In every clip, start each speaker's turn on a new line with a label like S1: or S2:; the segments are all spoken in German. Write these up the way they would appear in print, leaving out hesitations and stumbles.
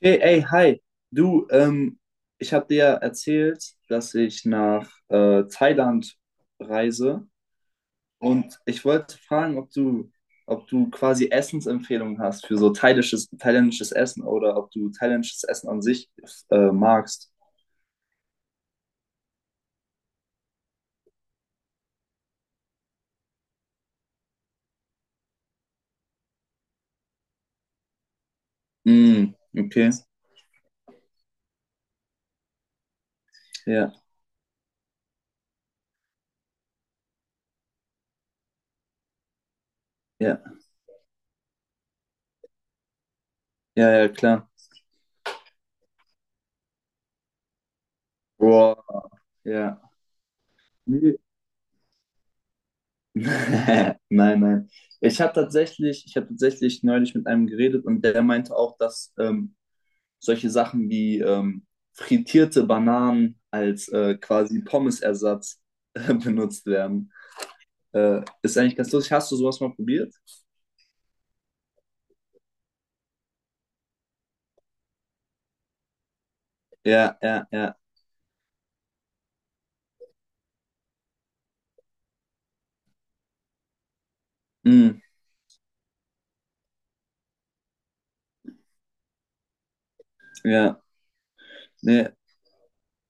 S1: Hey, ey, hi. Du, ich habe dir ja erzählt, dass ich nach Thailand reise und ich wollte fragen, ob du quasi Essensempfehlungen hast für so thailändisches Essen oder ob du thailändisches Essen an sich magst. Mm, okay. Ja, ja, ja, ja, klar. Boah, ja. Nee. Nein, nein. Ich habe tatsächlich neulich mit einem geredet, und der meinte auch, dass solche Sachen wie frittierte Bananen als quasi Pommesersatz benutzt werden. Ist eigentlich ganz lustig. Hast du sowas mal probiert? Ja, ja, ja. Mm, ja. Nee.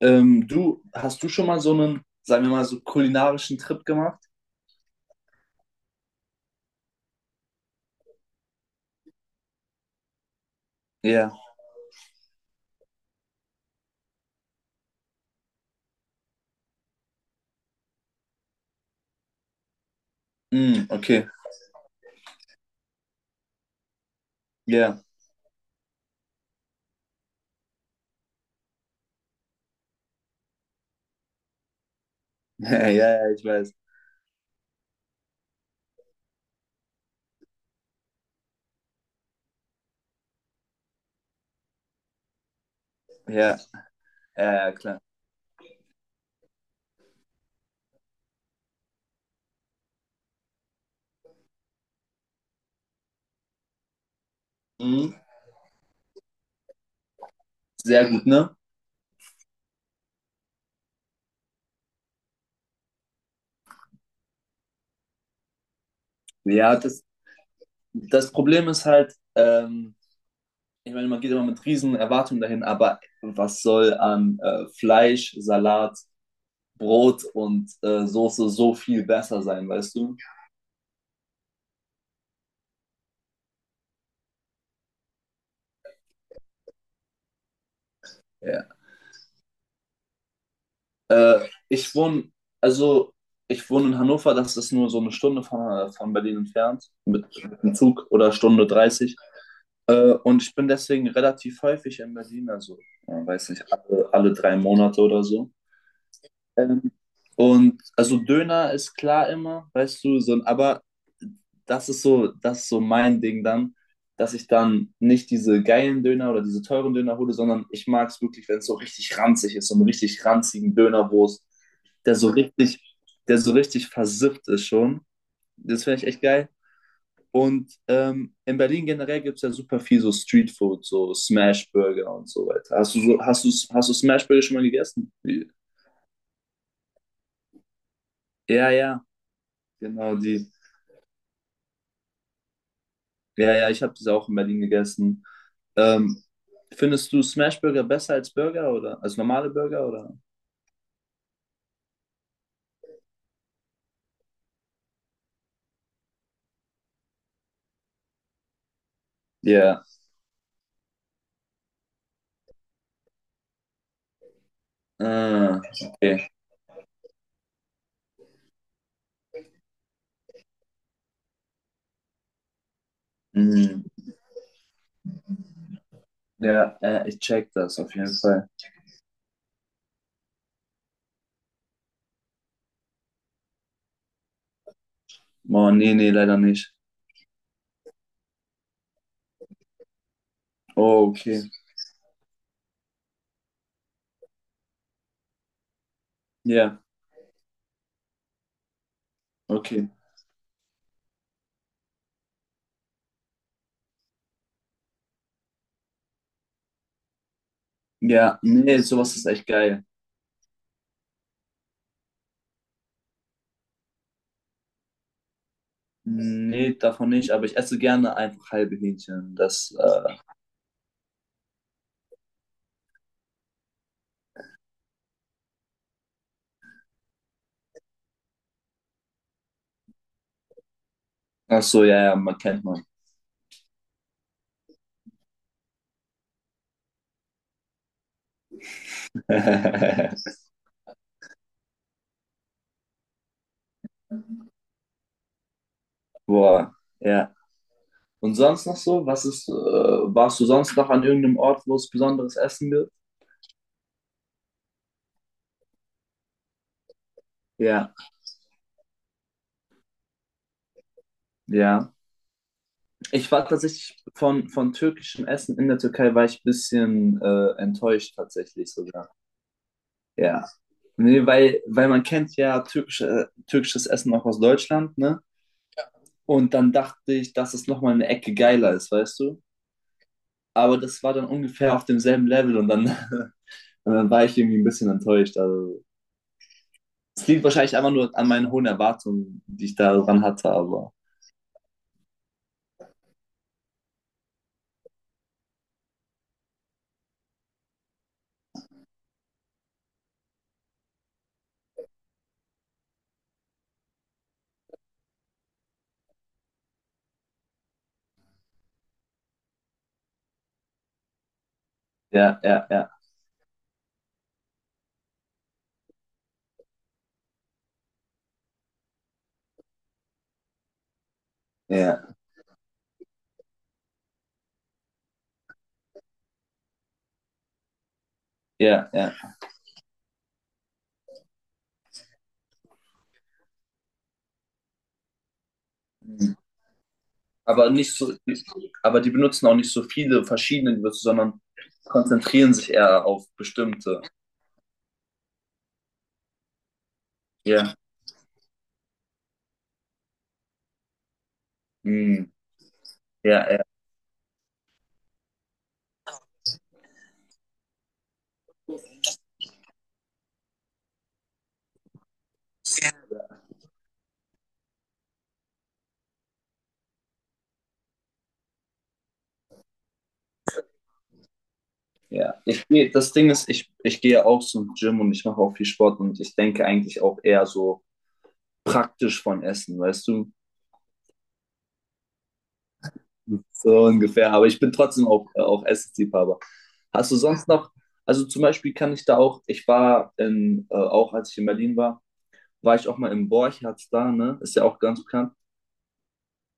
S1: Du, hast du schon mal so einen, sagen wir mal, so kulinarischen Trip gemacht? Ja. Mm, okay. Ja. Ja, ja, ich weiß. Ja, ja, ja, klar. Mhm. Sehr gut, ne? Ja, das Problem ist halt, ich meine, man geht immer mit riesen Erwartungen dahin, aber was soll an Fleisch, Salat, Brot und Soße so viel besser sein, weißt du? Ja. Äh, ich wohne, also ich wohne in Hannover, das ist nur so 1 Stunde von Berlin entfernt, mit dem Zug, oder Stunde 30. Und ich bin deswegen relativ häufig in Berlin, also, weiß nicht, alle 3 Monate oder so. Ähm, und also Döner ist klar immer, weißt du, so, aber das ist so mein Ding dann, dass ich dann nicht diese geilen Döner oder diese teuren Döner hole, sondern ich mag es wirklich, wenn es so richtig ranzig ist, so einen richtig ranzigen Dönerwurst, der so richtig, der so richtig versifft ist schon. Das finde ich echt geil. Und in Berlin generell gibt es ja super viel so Streetfood, so Smashburger und so weiter. Hast du so, hast du Smashburger schon mal gegessen? Ja, ja, genau die. Ja, ja, ich habe das auch in Berlin gegessen. Ähm, Findest du Smashburger besser als Burger oder als normale Burger oder? Ja. Ah, okay. Mhm. Ja, ich check das auf jeden Fall. Oh, nee, nee, leider nicht. Oh, okay. Ja, okay. Ja, nee, sowas ist echt geil. Nee, davon nicht, aber ich esse gerne einfach halbe Hähnchen. Ach so, ja, ja, man kennt man. Boah, ja. Und sonst noch so? Warst du sonst noch an irgendeinem Ort, wo es besonderes Essen gibt? Ja. Ja. Ich war tatsächlich von türkischem Essen in der Türkei, war ich ein bisschen enttäuscht tatsächlich sogar. Ja. Nee, weil man kennt ja türkisches Essen auch aus Deutschland, ne? Und dann dachte ich, dass es nochmal eine Ecke geiler ist, weißt du? Aber das war dann ungefähr auf demselben Level, und dann und dann war ich irgendwie ein bisschen enttäuscht. Also, es liegt wahrscheinlich einfach nur an meinen hohen Erwartungen, die ich da dran hatte, aber ja, ja, ja, ja, ja, ja. Aber nicht so, aber die benutzen auch nicht so viele verschiedene Gewürze, sondern konzentrieren sich eher auf bestimmte. Ja, mm, ja, ja, ja. Das Ding ist, ich gehe auch zum Gym, und ich mache auch viel Sport, und ich denke eigentlich auch eher so praktisch von Essen, weißt du? So ungefähr, aber ich bin trotzdem auch, auch Essensliebhaber. Hast du sonst noch, also zum Beispiel kann ich da auch, auch als ich in Berlin war, war ich auch mal im Borchertz da, ne? Ist ja auch ganz bekannt.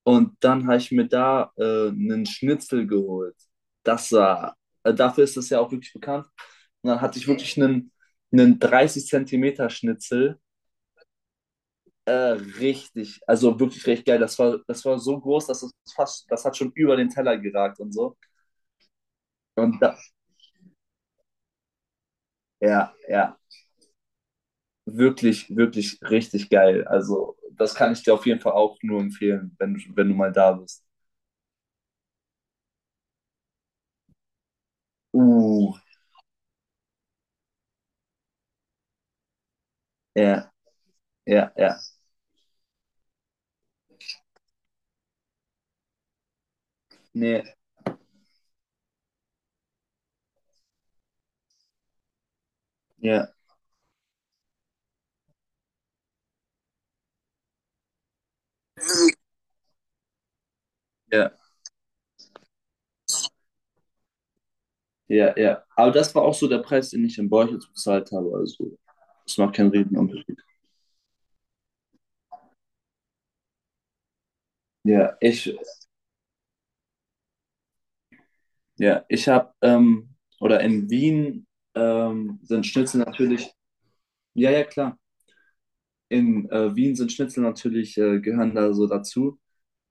S1: Und dann habe ich mir da einen Schnitzel geholt. Das war, Dafür ist das ja auch wirklich bekannt. Und dann hatte ich wirklich einen 30 Zentimeter Schnitzel. Äh, Richtig, also wirklich recht geil. Das war so groß, das hat schon über den Teller geragt und so. Und da, Ja, ja. Wirklich, wirklich richtig geil. Also, das kann ich dir auf jeden Fall auch nur empfehlen, wenn du mal da bist. Uh, ja, ja, ja. Nee, ja, ja, ja, ja. Aber das war auch so der Preis, den ich in Borchitz bezahlt habe. Also, das macht keinen Riesenunterschied. Ja, ich, ja, ich habe, oder in Wien sind Schnitzel natürlich, ja, ja, klar. In Wien sind Schnitzel natürlich, gehören da so dazu.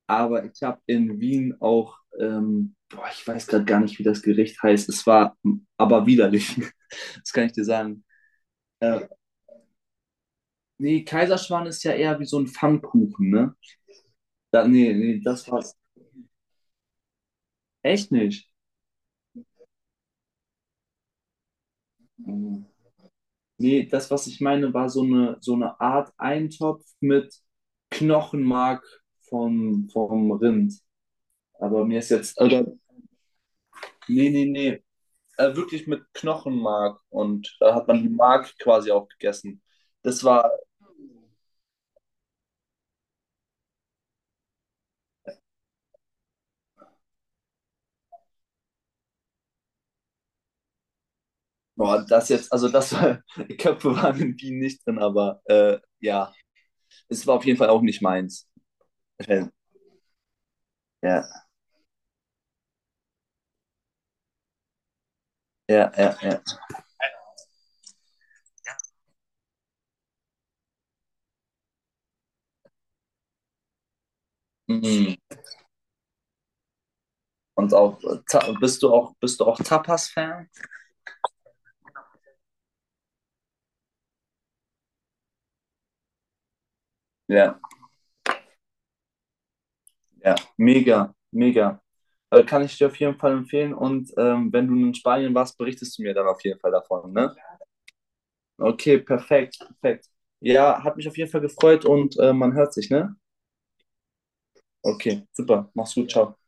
S1: Aber ich habe in Wien auch, boah, ich weiß gerade gar nicht, wie das Gericht heißt. Es war aber widerlich. Das kann ich dir sagen. Äh, Nee, Kaiserschmarrn ist ja eher wie so ein Pfannkuchen, ne? Nee, nee, das war's. Echt nicht. Nee, das, was ich meine, war so so eine Art Eintopf mit Knochenmark vom Rind. Aber mir ist jetzt, oder, Nee, nee, nee, wirklich mit Knochenmark, und da hat man die Mark quasi auch gegessen. Das war. Boah, das jetzt, also das war, die Köpfe waren in Bienen nicht drin, aber ja, es war auf jeden Fall auch nicht meins. Äh, Ja, ja, ja, ja. Mhm. Und auch, Ta- bist du auch Tapas-Fan? Ja, ja, mega, mega. Kann ich dir auf jeden Fall empfehlen, und wenn du in Spanien warst, berichtest du mir dann auf jeden Fall davon, ne? Okay, perfekt, perfekt. Ja, hat mich auf jeden Fall gefreut, und man hört sich, ne? Okay, super, mach's gut, ciao.